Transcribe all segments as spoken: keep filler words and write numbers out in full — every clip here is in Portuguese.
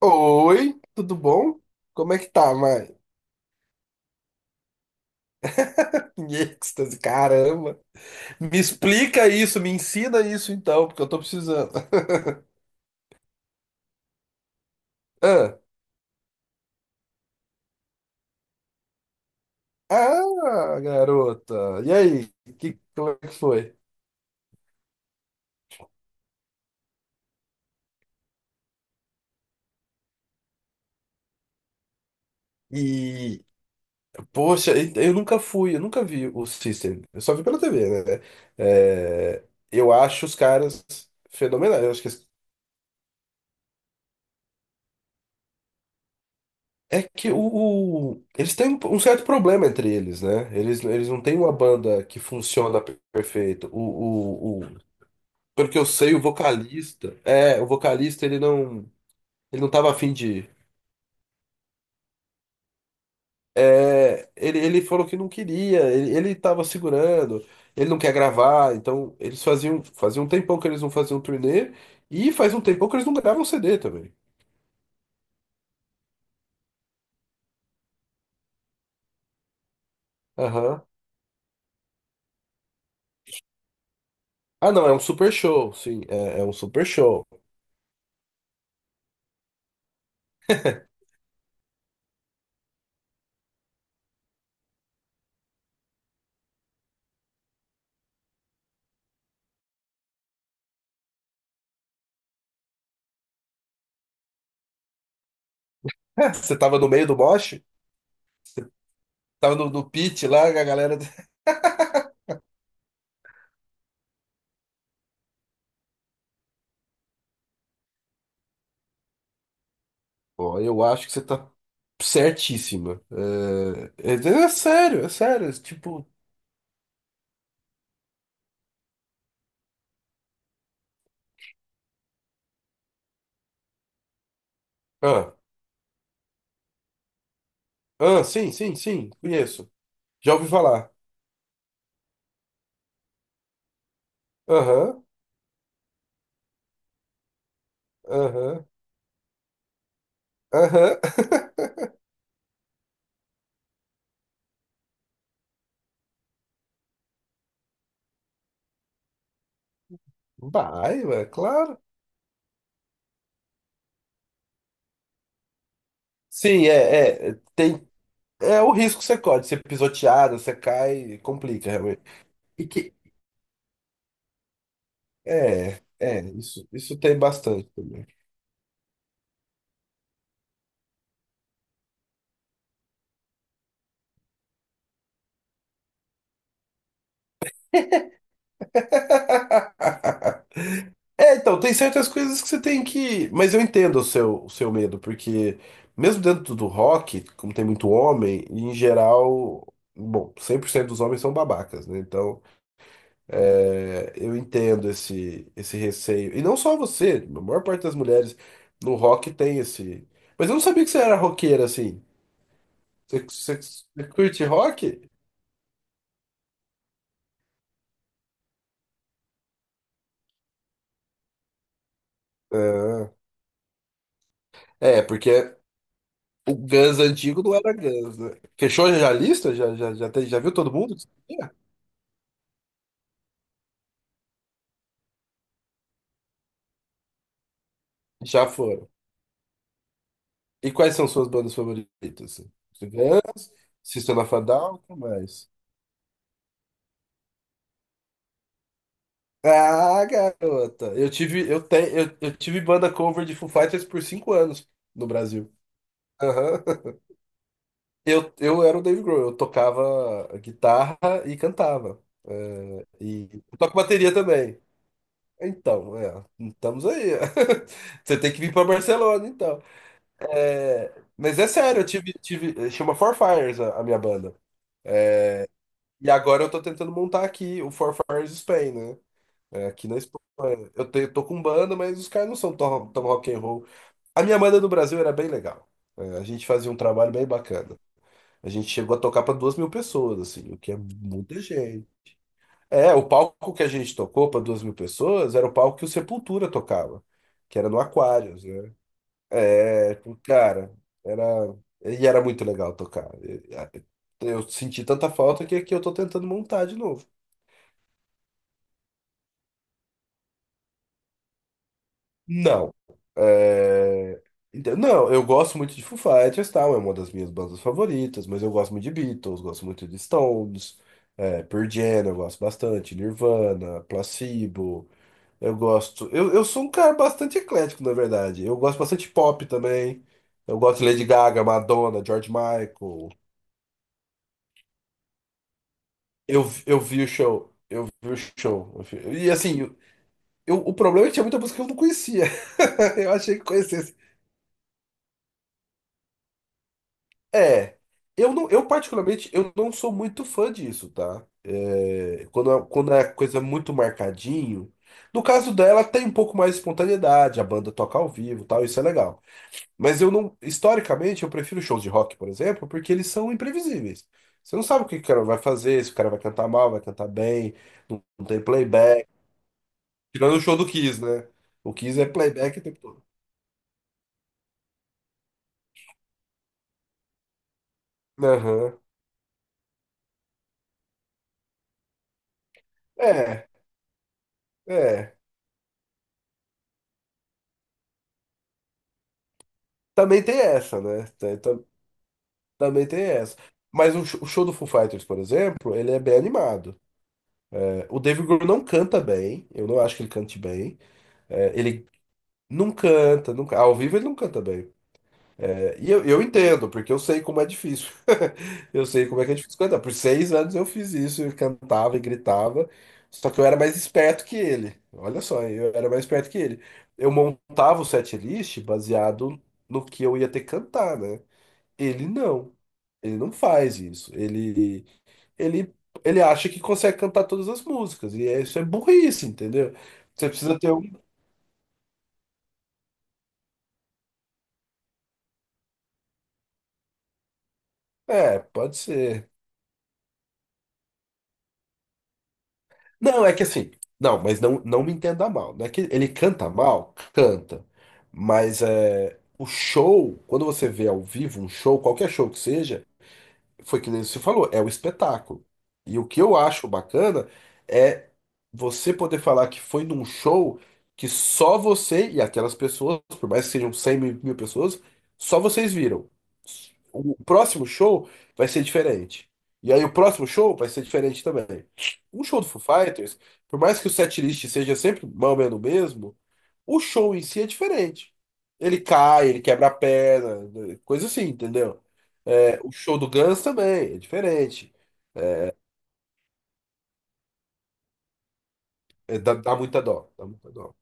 Oi, tudo bom? Como é que tá, mãe? Em êxtase, caramba. Me explica isso, me ensina isso então, porque eu tô precisando. Ah, ah, garota. E aí, que, como é que foi? E, poxa, eu nunca fui, eu nunca vi o System. Eu só vi pela T V, né? É, eu acho os caras fenomenais. Eu acho que. É que o, o- eles têm um um certo problema entre eles, né? Eles, eles não têm uma banda que funciona per- perfeito. O, o, o, pelo que eu sei, o vocalista, é, o vocalista ele não, ele não tava afim de ir. É, ele, ele falou que não queria, ele, ele tava segurando, ele não quer gravar, então eles faziam, fazia um tempão que eles não faziam turnê e faz um tempão que eles não gravam C D também. Aham. Ah, não, é um super show, sim, é, é um super show. Você tava no meio do mosh? Tava no, no pit lá, a galera. Ó, eu acho que você tá certíssima. É, é, é sério, é sério. Tipo. Ah, ah, sim, sim, sim, conheço. Já ouvi falar. Aham, aham, aham. Vai, ué, claro. Sim, é, é, tem, é o risco que você corre, de ser pisoteado, você cai, complica realmente. E que, é, é, isso, isso tem bastante também. É, então, tem certas coisas que você tem que. Mas eu entendo o seu, o seu, medo, porque mesmo dentro do rock, como tem muito homem, em geral, bom, cem por cento dos homens são babacas, né? Então, é, eu entendo esse, esse receio. E não só você, a maior parte das mulheres no rock tem esse. Mas eu não sabia que você era roqueira assim. Você, você, você curte rock? Ah, é, porque o Guns antigo não era Guns, né? Fechou já a lista? Já, já, já, tem- já viu todo mundo? Já foram. E quais são suas bandas favoritas? assim? Cigana, System of a Down, o que mais? Ah, garota, eu tive, eu tenho, eu, eu tive banda cover de Foo Fighters por cinco anos no Brasil. Aham. Eu, eu era o Dave Grohl, eu tocava guitarra e cantava. É, e eu toco bateria também. Então, é, estamos aí. Você tem que vir para Barcelona, então. É, mas é sério, eu tive, tive, chama Four Fires a, a minha banda. E agora eu tô tentando montar aqui o Four Fires Spain, né? É, aqui na Espanha. Eu te- tô com banda, mas os caras não são tão, tão rock and roll. A minha banda no Brasil era bem legal. É, a gente fazia um trabalho bem bacana. A gente chegou a tocar para duas mil pessoas, assim, o que é muita gente. É, o palco que a gente tocou para duas mil pessoas era o palco que o Sepultura tocava, que era no Aquarius, né? É, tipo, cara, era. E era muito legal tocar. Eu, eu senti tanta falta que aqui eu tô tentando montar de novo. Não. É, então, Não, eu gosto muito de Foo Fighters, tal, é uma das minhas bandas favoritas, mas eu gosto muito de Beatles, gosto muito de Stones, é, Pearl Jam, eu gosto bastante, Nirvana, Placebo, eu gosto... Eu, eu sou um cara bastante eclético, na verdade. Eu gosto bastante de pop também, eu gosto de Lady Gaga, Madonna, George Michael. Eu, eu vi o show, eu vi o show. eu vi- E assim, eu- o problema é que tinha muita música que eu não conhecia. Eu achei que conhecesse. É, eu não, eu particularmente eu não sou muito fã disso, tá? É, quando, é- quando é coisa muito marcadinho. No caso dela, tem um pouco mais de espontaneidade, a banda toca ao vivo, e tal, isso é legal. Mas eu não, historicamente, eu prefiro shows de rock, por exemplo, porque eles são imprevisíveis. Você não sabe o que o cara vai fazer, se o cara vai cantar mal, vai cantar bem, não, não tem playback. Tirando o show do Kiss, né? O Kiss é playback o tempo todo. Aham. É, é. Também tem essa, né? Também tem essa. Mas o sh- o show do Foo Fighters, por exemplo, ele é bem animado. É, O Dave Grohl não canta bem, eu não acho que ele cante bem. É, Ele não canta, nunca, ao vivo ele não canta bem. É, E eu, eu entendo, porque eu sei como é difícil. Eu sei como é que é difícil cantar. Por seis anos eu fiz isso, eu cantava e gritava, só que eu era mais esperto que ele. Olha só, eu era mais esperto que ele. Eu montava o setlist baseado no que eu ia ter que cantar, né? Ele não. Ele não faz isso. Ele. ele, ele acha que consegue cantar todas as músicas. E é- isso é burrice, entendeu? Você precisa ter um. É, pode ser. Não, é que assim. Não, mas não, não me entenda mal. Não é que ele canta mal, canta. Mas é, o show, quando você vê ao vivo um show, qualquer show que seja. Foi que nem você falou, é o espetáculo. E o que eu acho bacana é você poder falar que foi num show que só você e aquelas pessoas, por mais que sejam cem mil, mil pessoas, só vocês viram. O próximo show vai ser diferente. E aí o próximo show vai ser diferente também. Um show do Foo Fighters, por mais que o setlist seja sempre mais ou menos o mesmo, o show em si é diferente. Ele cai, ele quebra a perna, coisa assim, entendeu? É, o show do Guns também, é diferente. É, dá, dá muita dó, dá muita dó.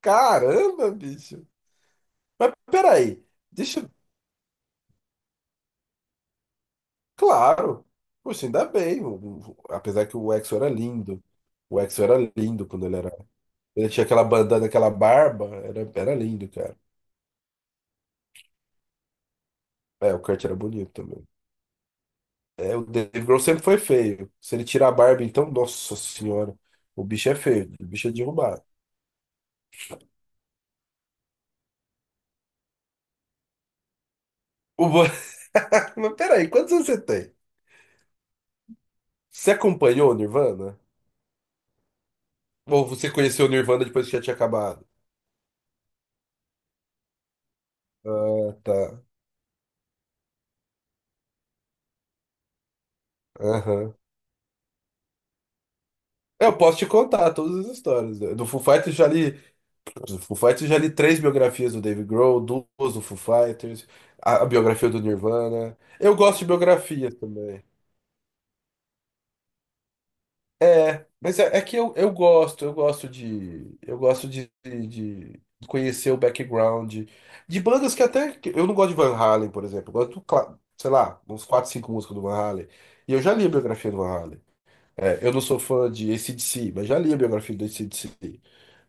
Caramba, bicho. Mas peraí, deixa. eu- Claro. Poxa, ainda bem. o- o- apesar que o EXO era lindo. O EXO era lindo quando ele era. Ele tinha aquela bandana, aquela barba. Era, era lindo, cara. É, o Kurt era bonito também. É, o Dave Grohl sempre foi feio. Se ele tirar a barba, então, nossa senhora. O bicho é feio. O bicho é derrubado. O... Bo- Mas peraí, quantos anos você tem? Você acompanhou o Nirvana? Ou você conheceu o Nirvana depois que já tinha acabado? Ah, tá. Aham. É, Eu posso te contar todas as histórias, né? Do Foo Fighters já li, do Foo Fighters já li três biografias do Dave Grohl, duas do Foo Fighters, a, a biografia do Nirvana. Eu gosto de biografia também. É, mas é, é que eu, eu gosto, eu gosto de, eu gosto de, de de conhecer o background de bandas que até que- eu não gosto de Van Halen, por exemplo. Eu gosto, do cla- sei lá, uns quatro, cinco músicas do Van Halen. E eu já li a biografia do Van Halen. É, eu não sou fã de C D C, mas já li a biografia do C D C.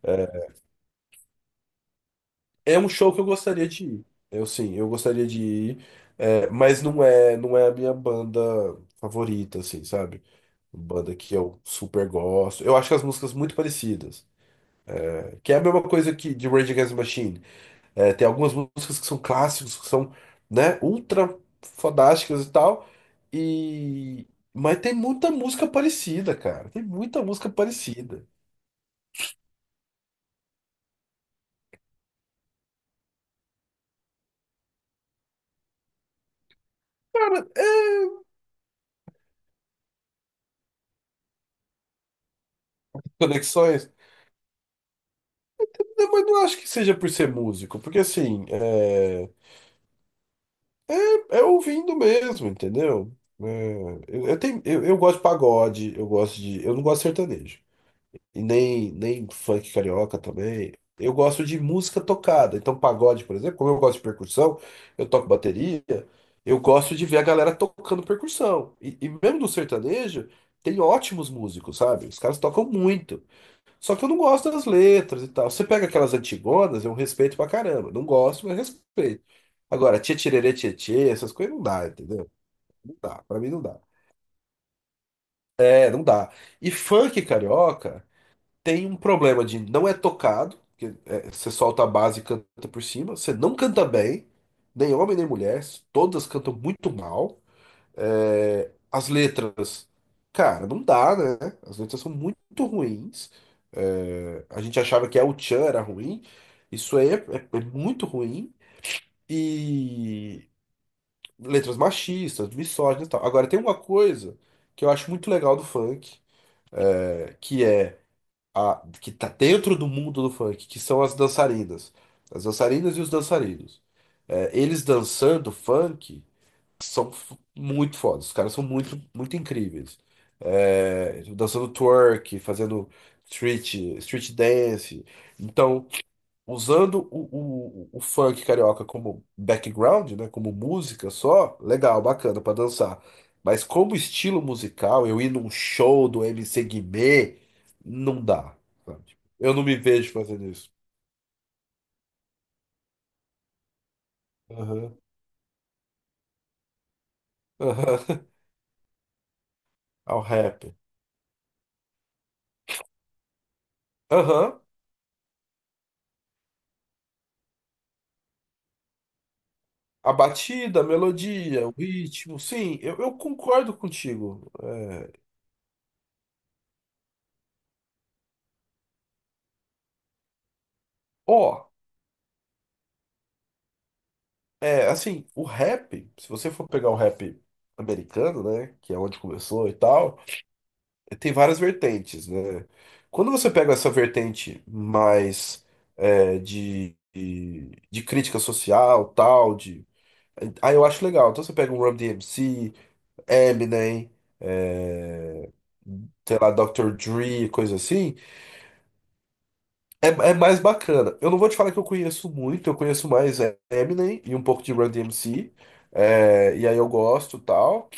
é é um show que eu gostaria de ir. Eu sim, eu gostaria de ir, é, mas não é, não é a minha banda favorita, assim, sabe? Banda que eu super gosto. Eu acho as músicas muito parecidas. é, que é a mesma coisa que de Rage Against the Machine. É, tem algumas músicas que são clássicos, que são, né, ultra fodásticas e tal. E... Mas tem muita música parecida, cara. Tem muita música parecida. Cara, é conexões. Não, mas não acho que seja por ser músico, porque assim, é, é ouvindo mesmo, entendeu? É, eu, eu tenho, eu, eu gosto de pagode, eu gosto de. Eu não gosto de sertanejo. E nem, nem funk carioca também. Eu gosto de música tocada. Então, pagode, por exemplo, como eu gosto de percussão, eu toco bateria, eu gosto de ver a galera tocando percussão. E, e mesmo do sertanejo, tem ótimos músicos, sabe? Os caras tocam muito. Só que eu não gosto das letras e tal. Você pega aquelas antigonas, eu respeito pra caramba. Não gosto, mas respeito. Agora, tchê tchê tchê tchê, essas coisas não dá, entendeu? Não dá, pra mim não dá. É, não dá. E funk carioca tem um problema de não é tocado, que é, você solta a base e canta por cima, você não canta bem, nem homem nem mulher, todas cantam muito mal. É, As letras, cara, não dá, né? As letras são muito ruins. É, a gente achava que a Uchan era ruim. Isso aí é, é- é muito ruim. E letras machistas, misóginas e tal. Agora, tem uma coisa que eu acho muito legal do funk, é, que é a que tá dentro do mundo do funk, que são as dançarinas. As dançarinas e os dançarinos. É, eles dançando funk são f- muito fodas. Os caras são muito, muito incríveis. É, dançando twerk, fazendo street, street dance. Então, usando o, o, o funk carioca como background, né, como música só, legal, bacana pra dançar. Mas como estilo musical, eu ir num show do M C Guimê, não dá, sabe? Eu não me vejo fazendo isso. Aham, aham. Ao rap. Aham. A batida, a melodia, o ritmo, sim, eu, eu concordo contigo. É, ó, é, assim, o rap, se você for pegar o rap americano, né, que é onde começou e tal, é, tem várias vertentes, né? Quando você pega essa vertente mais é, de, de, de crítica social, tal, de... Aí eu acho legal. Então você pega um Run D M C, Eminem, é, sei lá, doutor Dre, coisa assim. É, é mais bacana. Eu não vou te falar que eu conheço muito, eu conheço mais é, Eminem e um pouco de Run D M C. é, e aí eu gosto e tal.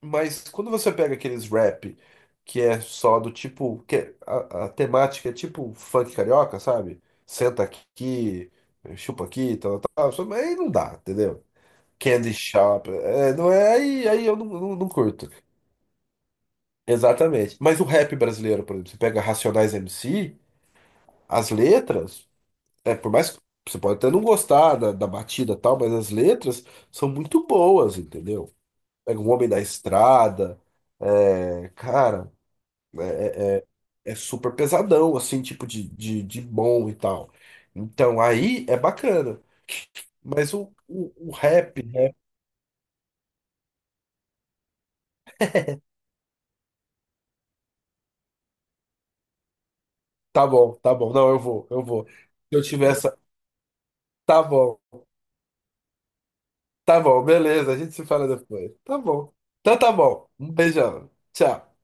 Mas quando você pega aqueles rap que é só do tipo. Que é- a, a temática é tipo funk carioca, sabe? Senta aqui, chupa aqui, tal, tal, tal. Aí não dá, entendeu? Candy Shop. é, não é, aí, aí eu não, não, não curto. Exatamente. Mas o rap brasileiro, por exemplo, você pega Racionais M C, as letras. É, por mais que você pode até não gostar da, da batida e tal, mas as letras são muito boas, entendeu? Pega um Homem da Estrada, é, cara, é super pesadão, assim, tipo de, de, de bom e tal. Então aí é bacana. Mas o, o, o rap, né? Tá bom, tá bom, não, eu vou, eu vou. Se eu tiver essa. Tá bom, tá bom, beleza, a gente se fala depois. Tá bom. Então tá bom, um beijão, tchau.